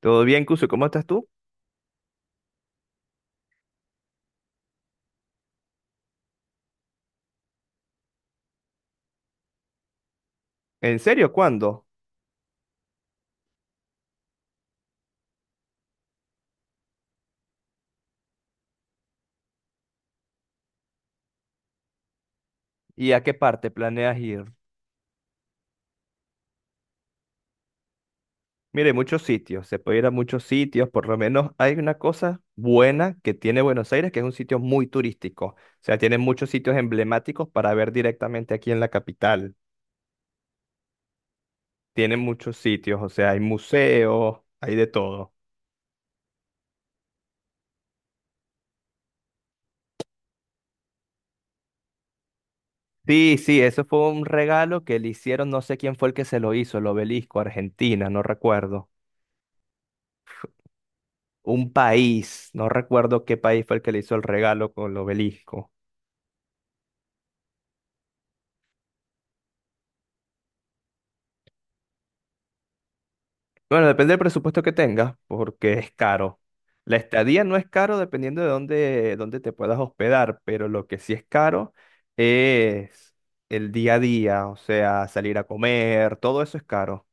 Todo bien, Cuso, ¿cómo estás tú? ¿En serio? ¿Cuándo? ¿Y a qué parte planeas ir? Mire, muchos sitios, se puede ir a muchos sitios, por lo menos hay una cosa buena que tiene Buenos Aires, que es un sitio muy turístico, o sea, tiene muchos sitios emblemáticos para ver directamente aquí en la capital, tiene muchos sitios, o sea, hay museos, hay de todo. Sí, sí, eso fue un regalo que le hicieron, no sé quién fue el que se lo hizo, el obelisco, Argentina, no recuerdo. Un país, no recuerdo qué país fue el que le hizo el regalo con el obelisco. Bueno, depende del presupuesto que tengas, porque es caro. La estadía no es caro dependiendo de dónde, dónde te puedas hospedar, pero lo que sí es caro es el día a día, o sea, salir a comer, todo eso es caro.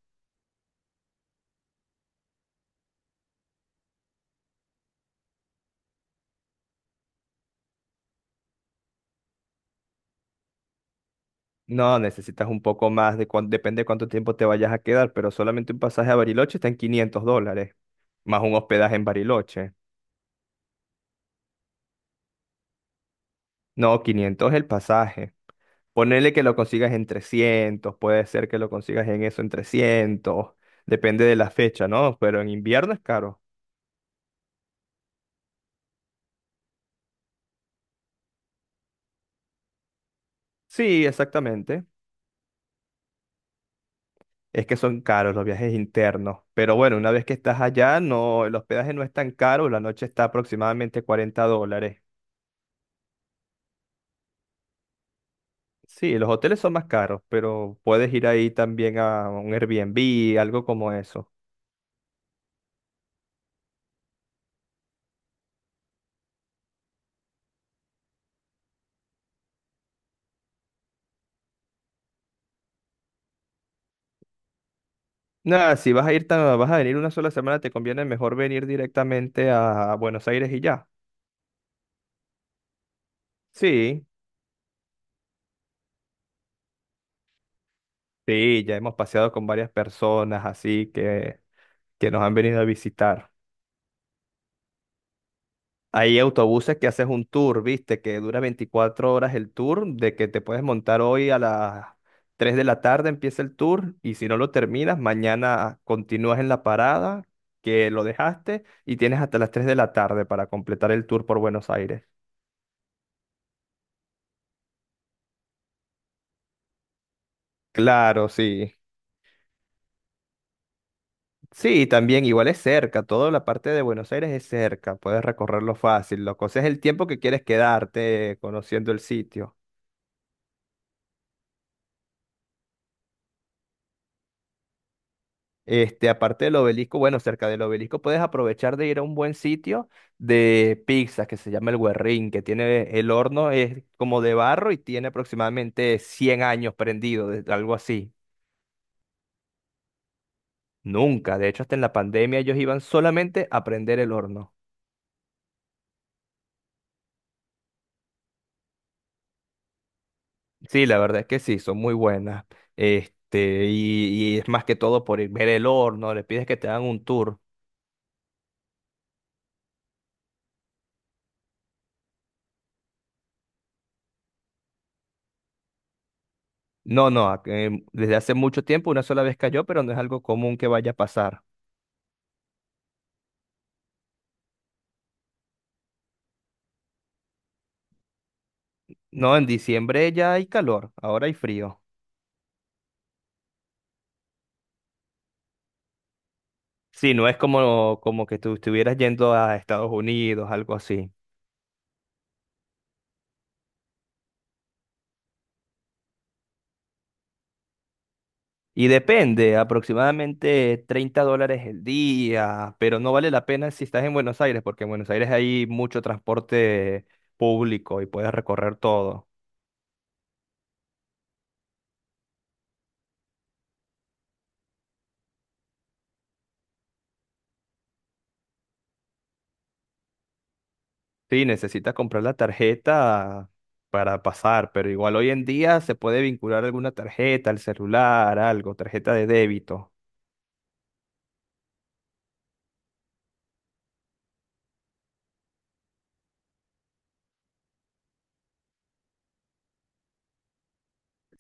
No, necesitas un poco más, depende de cuánto tiempo te vayas a quedar, pero solamente un pasaje a Bariloche está en $500, más un hospedaje en Bariloche. No, 500 el pasaje. Ponele que lo consigas en 300, puede ser que lo consigas en eso, en 300, depende de la fecha, ¿no? Pero en invierno es caro. Sí, exactamente. Es que son caros los viajes internos. Pero bueno, una vez que estás allá, no, el hospedaje no es tan caro, la noche está aproximadamente $40. Sí, los hoteles son más caros, pero puedes ir ahí también a un Airbnb, algo como eso. Nada, si vas a ir tan, vas a venir una sola semana, te conviene mejor venir directamente a Buenos Aires y ya. Sí, sí, ya hemos paseado con varias personas así que nos han venido a visitar. Hay autobuses que haces un tour, viste, que dura 24 horas el tour, de que te puedes montar hoy a las 3 de la tarde, empieza el tour, y si no lo terminas, mañana continúas en la parada que lo dejaste y tienes hasta las 3 de la tarde para completar el tour por Buenos Aires. Claro, sí. Sí, también igual es cerca, toda la parte de Buenos Aires es cerca, puedes recorrerlo fácil, Lo Ese es el tiempo que quieres quedarte conociendo el sitio. Este, aparte del obelisco, bueno, cerca del obelisco puedes aprovechar de ir a un buen sitio de pizzas que se llama el Guerrín, que tiene el horno, es como de barro y tiene aproximadamente 100 años prendido, algo así. Nunca, de hecho, hasta en la pandemia ellos iban solamente a prender el horno. Sí, la verdad es que sí, son muy buenas. Este, y es más que todo por ver el horno, le pides que te hagan un tour. No, no, desde hace mucho tiempo una sola vez cayó, pero no es algo común que vaya a pasar. No, en diciembre ya hay calor, ahora hay frío. Sí, no es como, como que tú estuvieras yendo a Estados Unidos, algo así. Y depende, aproximadamente $30 el día, pero no vale la pena si estás en Buenos Aires, porque en Buenos Aires hay mucho transporte público y puedes recorrer todo. Sí, necesitas comprar la tarjeta para pasar, pero igual hoy en día se puede vincular alguna tarjeta, al celular, algo, tarjeta de débito.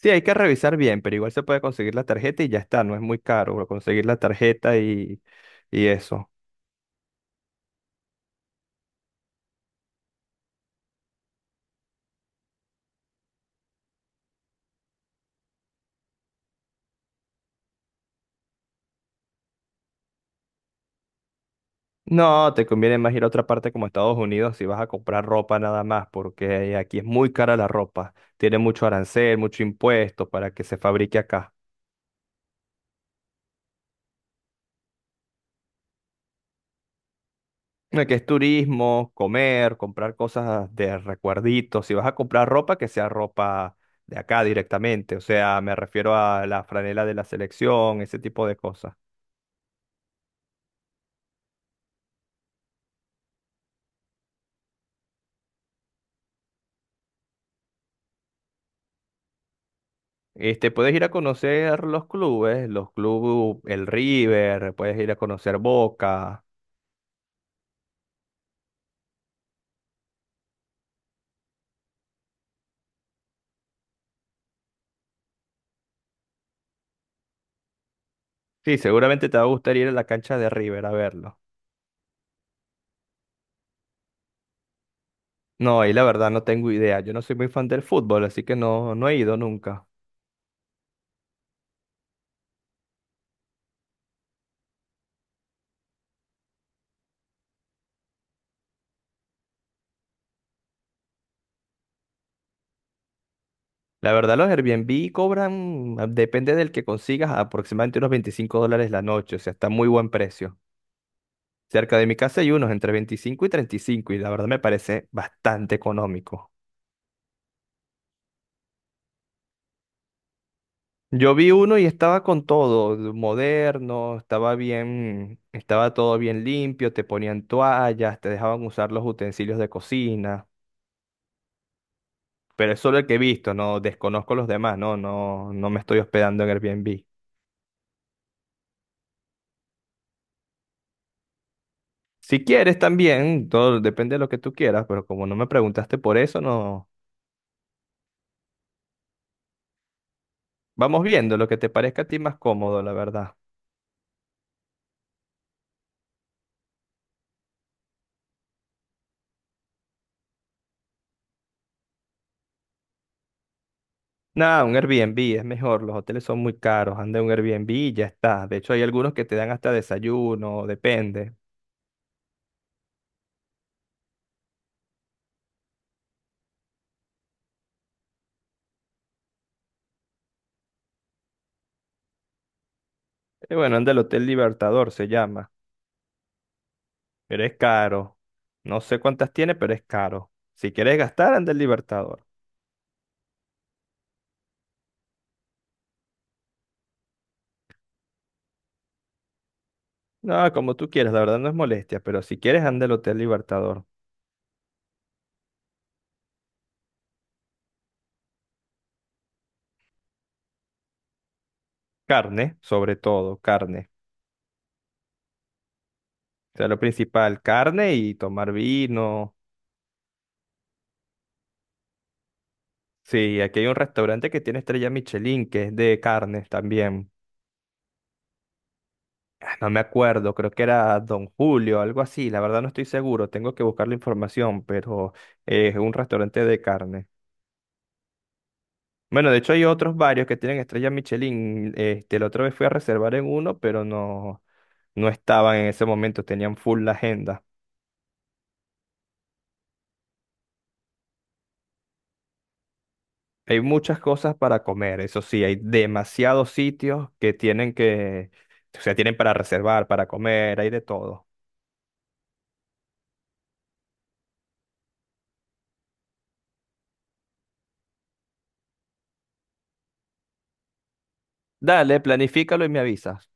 Sí, hay que revisar bien, pero igual se puede conseguir la tarjeta y ya está, no es muy caro conseguir la tarjeta y eso. No, te conviene más ir a otra parte como Estados Unidos si vas a comprar ropa nada más, porque aquí es muy cara la ropa, tiene mucho arancel, mucho impuesto para que se fabrique acá. Que es turismo, comer, comprar cosas de recuerditos. Si vas a comprar ropa, que sea ropa de acá directamente. O sea, me refiero a la franela de la selección, ese tipo de cosas. Este, puedes ir a conocer los clubes, el River, puedes ir a conocer Boca. Sí, seguramente te va a gustar ir a la cancha de River a verlo. No, ahí la verdad no tengo idea. Yo no soy muy fan del fútbol, así que no, no he ido nunca. La verdad, los Airbnb cobran, depende del que consigas, aproximadamente unos $25 la noche, o sea, está muy buen precio. Cerca de mi casa hay unos entre 25 y 35 y cinco y la verdad me parece bastante económico. Yo vi uno y estaba con todo, moderno, estaba bien, estaba todo bien limpio, te ponían toallas, te dejaban usar los utensilios de cocina, pero es solo el que he visto, no desconozco los demás, no, no, no me estoy hospedando en Airbnb. Si quieres también, todo depende de lo que tú quieras, pero como no me preguntaste por eso, no. Vamos viendo lo que te parezca a ti más cómodo, la verdad. Nada, un Airbnb es mejor, los hoteles son muy caros, anda en un Airbnb y ya está. De hecho, hay algunos que te dan hasta desayuno, depende. Y bueno, anda el Hotel Libertador, se llama, pero es caro. No sé cuántas tiene, pero es caro. Si quieres gastar, anda el Libertador. No, como tú quieras, la verdad no es molestia, pero si quieres, anda el Hotel Libertador. Carne, sobre todo, carne. O sea, lo principal, carne y tomar vino. Sí, aquí hay un restaurante que tiene estrella Michelin, que es de carnes también. Ah, no me acuerdo, creo que era Don Julio, algo así. La verdad no estoy seguro, tengo que buscar la información, pero es un restaurante de carne. Bueno, de hecho hay otros varios que tienen estrella Michelin. Este, la otra vez fui a reservar en uno, pero no, no estaban en ese momento, tenían full la agenda. Hay muchas cosas para comer, eso sí, hay demasiados sitios que tienen que, o sea, tienen para reservar, para comer, hay de todo. Dale, planifícalo y me avisas.